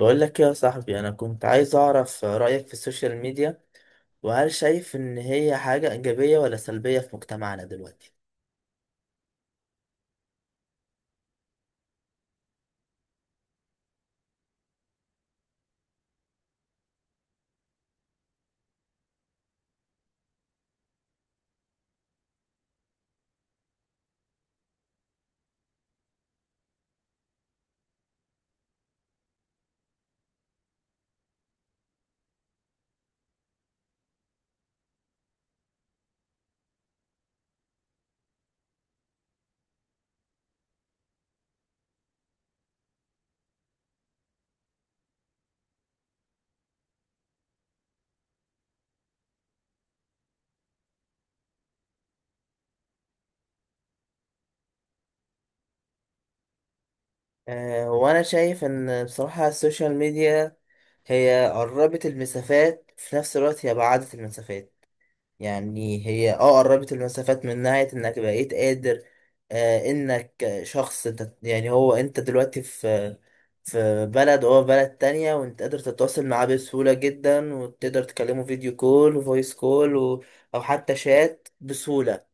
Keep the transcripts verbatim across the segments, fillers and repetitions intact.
بقول لك يا صاحبي، انا كنت عايز اعرف رأيك في السوشيال ميديا، وهل شايف ان هي حاجة ايجابية ولا سلبية في مجتمعنا دلوقتي؟ أه، وانا شايف ان بصراحة السوشيال ميديا هي قربت المسافات، في نفس الوقت هي بعدت المسافات. يعني هي اه قربت المسافات من ناحية انك بقيت قادر، آه انك شخص تت- يعني هو انت دلوقتي في في بلد وهو في بلد تانية، وانت قادر تتواصل معاه بسهولة جدا، وتقدر تكلمه فيديو كول وفويس كول و... او حتى شات بسهولة.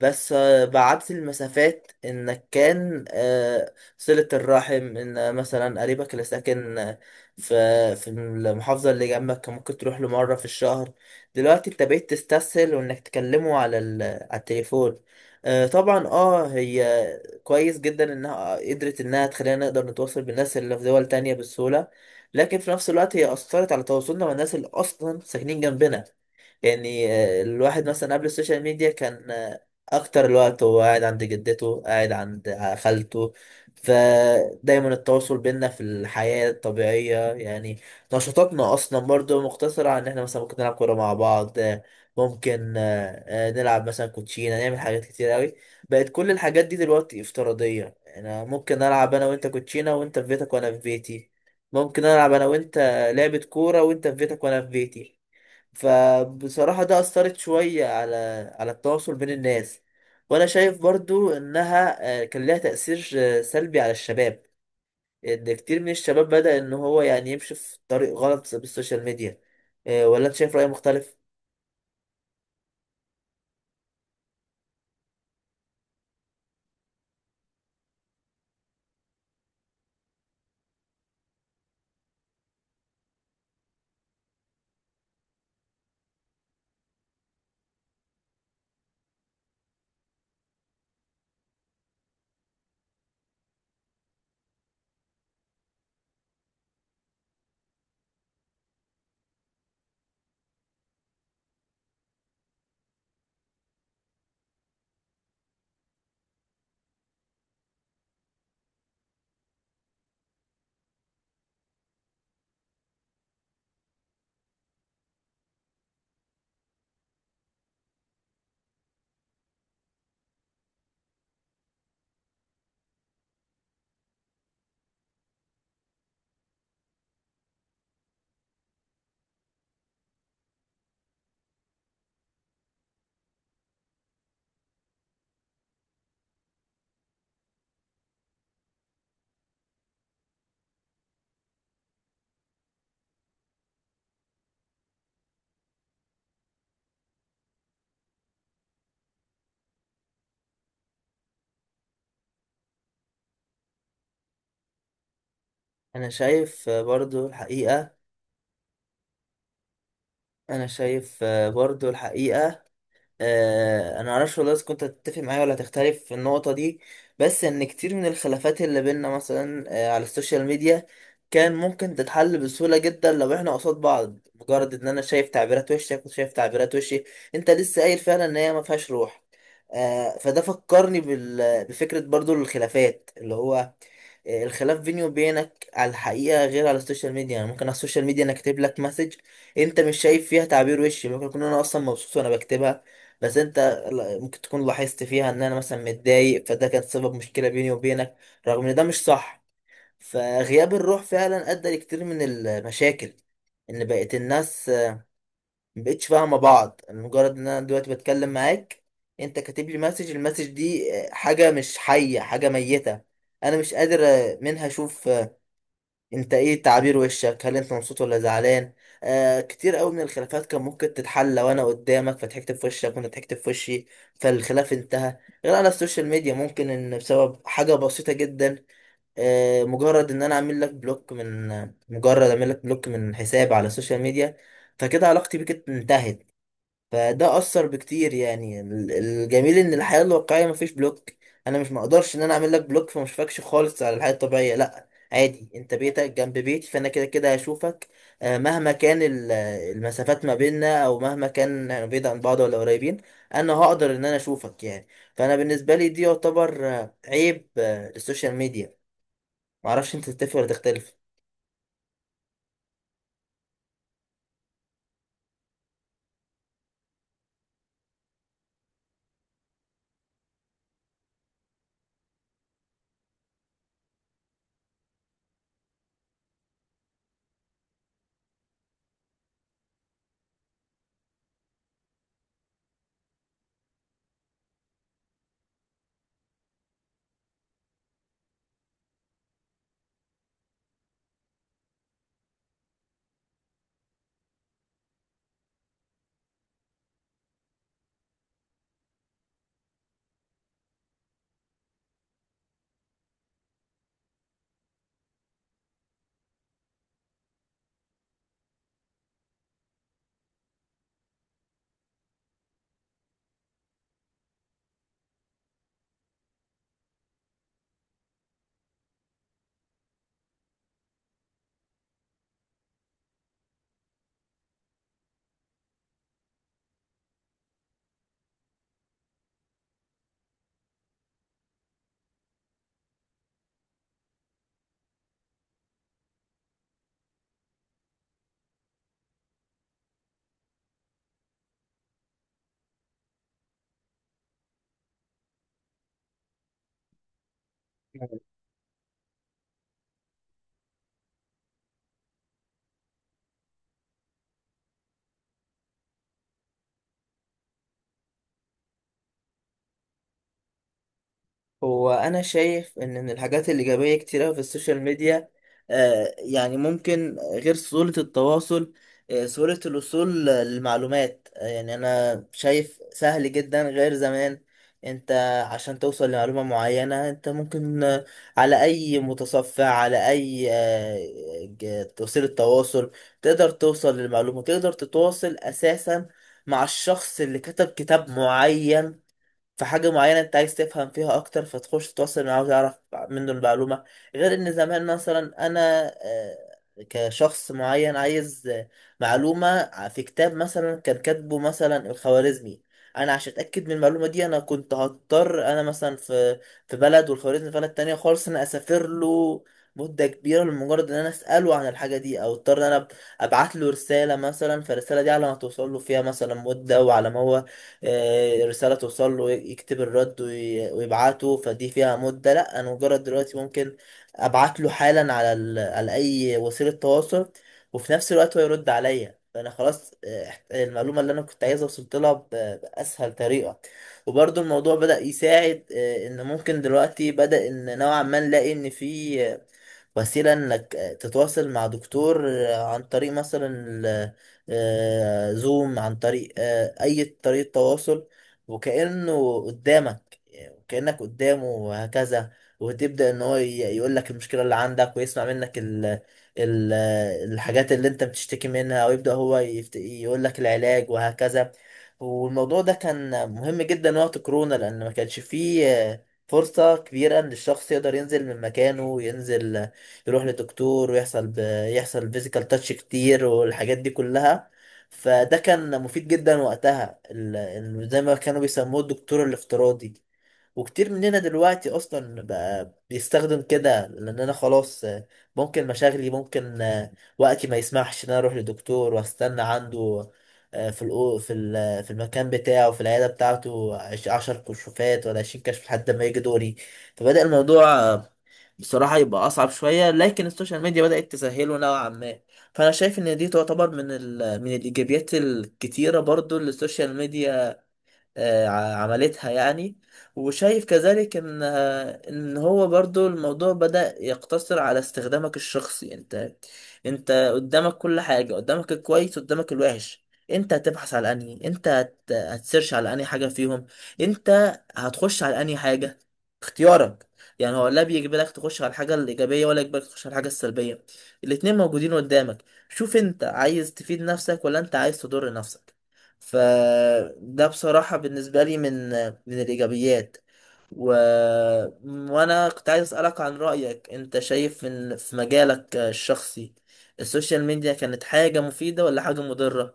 بس آه، بعدت المسافات انك كان آه، صلة الرحم ان آه، مثلا قريبك اللي ساكن آه، في في المحافظة اللي جنبك كان ممكن تروح له مرة في الشهر، دلوقتي انت بقيت تستسهل وانك تكلمه على ال- على التليفون. آه، طبعا اه هي كويس جدا انها قدرت انها تخلينا نقدر نتواصل بالناس اللي في دول تانية بسهولة، لكن في نفس الوقت هي أثرت على تواصلنا مع الناس اللي أصلا ساكنين جنبنا. يعني آه، الواحد مثلا قبل السوشيال ميديا كان آه، اكتر الوقت هو قاعد عند جدته، قاعد عند خالته، فدايما التواصل بينا في الحياة الطبيعية. يعني نشاطاتنا اصلا برضو مقتصرة على ان احنا مثلا ممكن نلعب كورة مع بعض، آه، ممكن آه، آه، نلعب مثلا كوتشينة، نعمل حاجات كتير قوي. بقت كل الحاجات دي دلوقتي افتراضية، يعني انا ممكن العب انا وانت كوتشينة وانت في بيتك وانا في بيتي، ممكن العب انا وانت لعبة كورة وانت في بيتك وانا في بيتي. فبصراحة ده أثرت شوية على على التواصل بين الناس. وأنا شايف برضو إنها آه، كان لها تأثير آه، سلبي على الشباب، إن كتير من الشباب بدأ إن هو يعني يمشي في طريق غلط بالسوشيال ميديا. آه، ولا أنت شايف رأي مختلف؟ أنا شايف آه، برضو الحقيقة أنا شايف آه، برضو الحقيقة، آه، انا معرفش والله اذا كنت هتتفق معايا ولا هتختلف في النقطه دي، بس ان كتير من الخلافات اللي بينا مثلا آه، على السوشيال ميديا كان ممكن تتحل بسهوله جدا، لو احنا قصاد بعض، مجرد ان انا شايف تعبيرات وشك وشايف تعبيرات وشي. انت لسه قايل فعلا ان هي ما فيهاش روح. آه، فده فكرني بال... بفكره، برضو الخلافات اللي هو الخلاف بيني وبينك على الحقيقة غير على السوشيال ميديا، يعني ممكن على السوشيال ميديا انا كاتب لك مسج، انت مش شايف فيها تعبير وشي، ممكن اكون انا اصلا مبسوط وانا بكتبها، بس انت لا- ممكن تكون لاحظت فيها ان انا مثلا متضايق، فده كان سبب مشكلة بيني وبينك، رغم ان ده مش صح. فغياب الروح فعلا ادى لكتير من المشاكل، ان بقت الناس آه، مبقتش فاهمة بعض، مجرد ان انا دلوقتي بتكلم معاك، انت كاتب لي مسج، المسج دي آه، حاجة مش حية، حاجة ميتة. انا مش قادر آه، منها اشوف انت ايه تعابير وشك، هل انت مبسوط ولا زعلان. آه كتير قوي من الخلافات كان ممكن تتحل لو انا قدامك، فضحكت في وشك وانت ضحكت في وشي، فالخلاف انتهى. غير على السوشيال ميديا ممكن ان بسبب حاجة بسيطة جدا، آه مجرد ان انا اعمل لك بلوك من مجرد اعمل لك بلوك من حساب على السوشيال ميديا، فكده علاقتي بيك انتهت. فده اثر بكتير، يعني ال- الجميل ان الحياه الواقعيه مفيش بلوك. انا مش مقدرش ان انا اعمل لك بلوك فما اشوفكش خالص على الحياه الطبيعيه، لا عادي، انت بيتك جنب بيتي فانا كده كده هشوفك. آه، مهما كان ال- آه، المسافات ما بيننا، او مهما كان يعني بعيد عن بعض ولا قريبين، انا هقدر ان انا اشوفك يعني. فانا بالنسبه لي دي يعتبر آه، عيب آه، للسوشيال ميديا. معرفش انت تتفق ولا تختلف. هو انا شايف ان من الحاجات الايجابيه كتير أوي في السوشيال ميديا، آه، يعني ممكن، غير سهوله التواصل، آه، سهوله الوصول للمعلومات، آه، يعني انا شايف سهل جدا غير زمان. انت عشان توصل لمعلومه معينه انت ممكن آه، على اي متصفح، على اي آه، ج- وسيله تواصل، تقدر توصل للمعلومه، تقدر تتواصل اساسا مع الشخص اللي كتب كتاب معين في حاجة معينة انت عايز تفهم فيها اكتر، فتخش تتواصل معاه وتعرف منه المعلومة. غير ان زمان مثلا انا آه، كشخص معين عايز آه، معلومة في كتاب مثلا كان كاتبه مثلا الخوارزمي، انا عشان اتاكد من المعلومة دي انا كنت هضطر انا مثلا في في بلد والخوارزمي في بلد تانية خالص، انا اسافر له مدة كبيرة لمجرد ان انا اساله عن الحاجة دي، او اضطر ان انا ابعت له رسالة مثلا، فالرسالة دي على ما توصل له فيها مثلا مدة، وعلى ما هو آه، رسالة توصل له يكتب الرد وي- ويبعته، فدي فيها مدة. لا، انا مجرد دلوقتي ممكن ابعت له حالا على ال... على اي وسيلة تواصل، وفي نفس الوقت هو يرد عليا، فانا خلاص، آه، احت- المعلومة اللي انا كنت عايزها وصلت لها ب... باسهل طريقة. وبرضه الموضوع بدأ يساعد، آه، ان ممكن دلوقتي بدأ ان نوعا ما نلاقي ان في وسيلة انك تتواصل مع دكتور آه، عن طريق مثلا ال- آه، زوم، عن طريق آه، اي طريقة تواصل، وكأنه قدامك وكأنك قدامه وهكذا، وتبدأ ان هو يقول لك المشكلة اللي عندك، ويسمع منك ال ال الحاجات اللي انت بتشتكي منها، ويبدأ هو يفت... يقول لك العلاج وهكذا. والموضوع ده كان مهم جدا وقت كورونا، لأن ما كانش فيه آه، فرصة كبيرة إن الشخص يقدر ينزل من مكانه وينزل يروح لدكتور ويحصل ب... يحصل فيزيكال تاتش كتير والحاجات دي كلها. فده كان مفيد جدا وقتها، ال... ال- زي ما كانوا بيسموه الدكتور الافتراضي. وكتير مننا دلوقتي اصلا بقى بيستخدم كده، لان انا خلاص آه، ممكن مشاغلي، ممكن آه، وقتي ما يسمحش ان انا اروح لدكتور واستنى عنده آه، في الأو في ال- آه، في المكان بتاعه في العياده بتاعته عش- عشر كشوفات ولا عشرين كشف لحد ما يجي دوري. فبدأ الموضوع آه، بصراحه يبقى اصعب شويه، لكن السوشيال ميديا بدأت تسهله نوعا ما. فانا شايف ان دي تعتبر من ال من الايجابيات الكتيره برضو اللي السوشيال ميديا آه، ع- عملتها يعني. وشايف كذلك ان آه، ان هو برضو الموضوع بدأ يقتصر على استخدامك الشخصي انت، انت قدامك كل حاجة، قدامك الكويس قدامك الوحش. انت هتبحث على انهي، انت هت... هتسيرش على انهي حاجة فيهم، انت هتخش على انهي حاجة، اختيارك. يعني هو لا بيجبرك تخش على الحاجة الإيجابية ولا يجبرك تخش على الحاجة السلبية، الاتنين موجودين قدامك. شوف انت عايز تفيد نفسك ولا انت عايز تضر نفسك. فده بصراحة بالنسبة لي من من الإيجابيات. و... وأنا كنت عايز أسألك عن رأيك، أنت شايف إن في مجالك الشخصي السوشيال ميديا كانت حاجة مفيدة ولا حاجة مضرة؟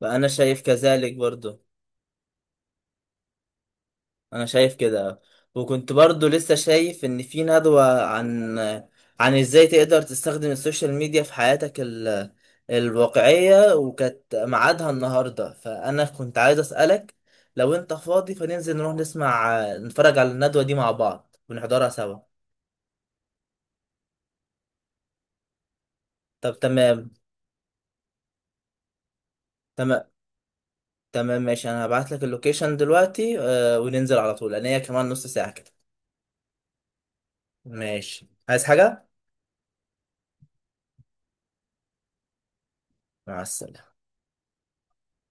فأنا شايف كذلك برضو انا شايف كده. وكنت برضو لسه شايف ان في ندوة عن عن ازاي تقدر تستخدم السوشيال ميديا في حياتك ال... الواقعية، وكانت ميعادها النهاردة، فانا كنت عايز اسألك لو انت فاضي، فننزل نروح نسمع نتفرج على الندوة دي مع بعض ونحضرها سوا. طب تمام. تمام، تمام، ماشي، انا هبعت لك اللوكيشن دلوقتي، آه، وننزل على طول لان هي كمان نص ساعة كده. ماشي، عايز حاجة؟ مع السلامة.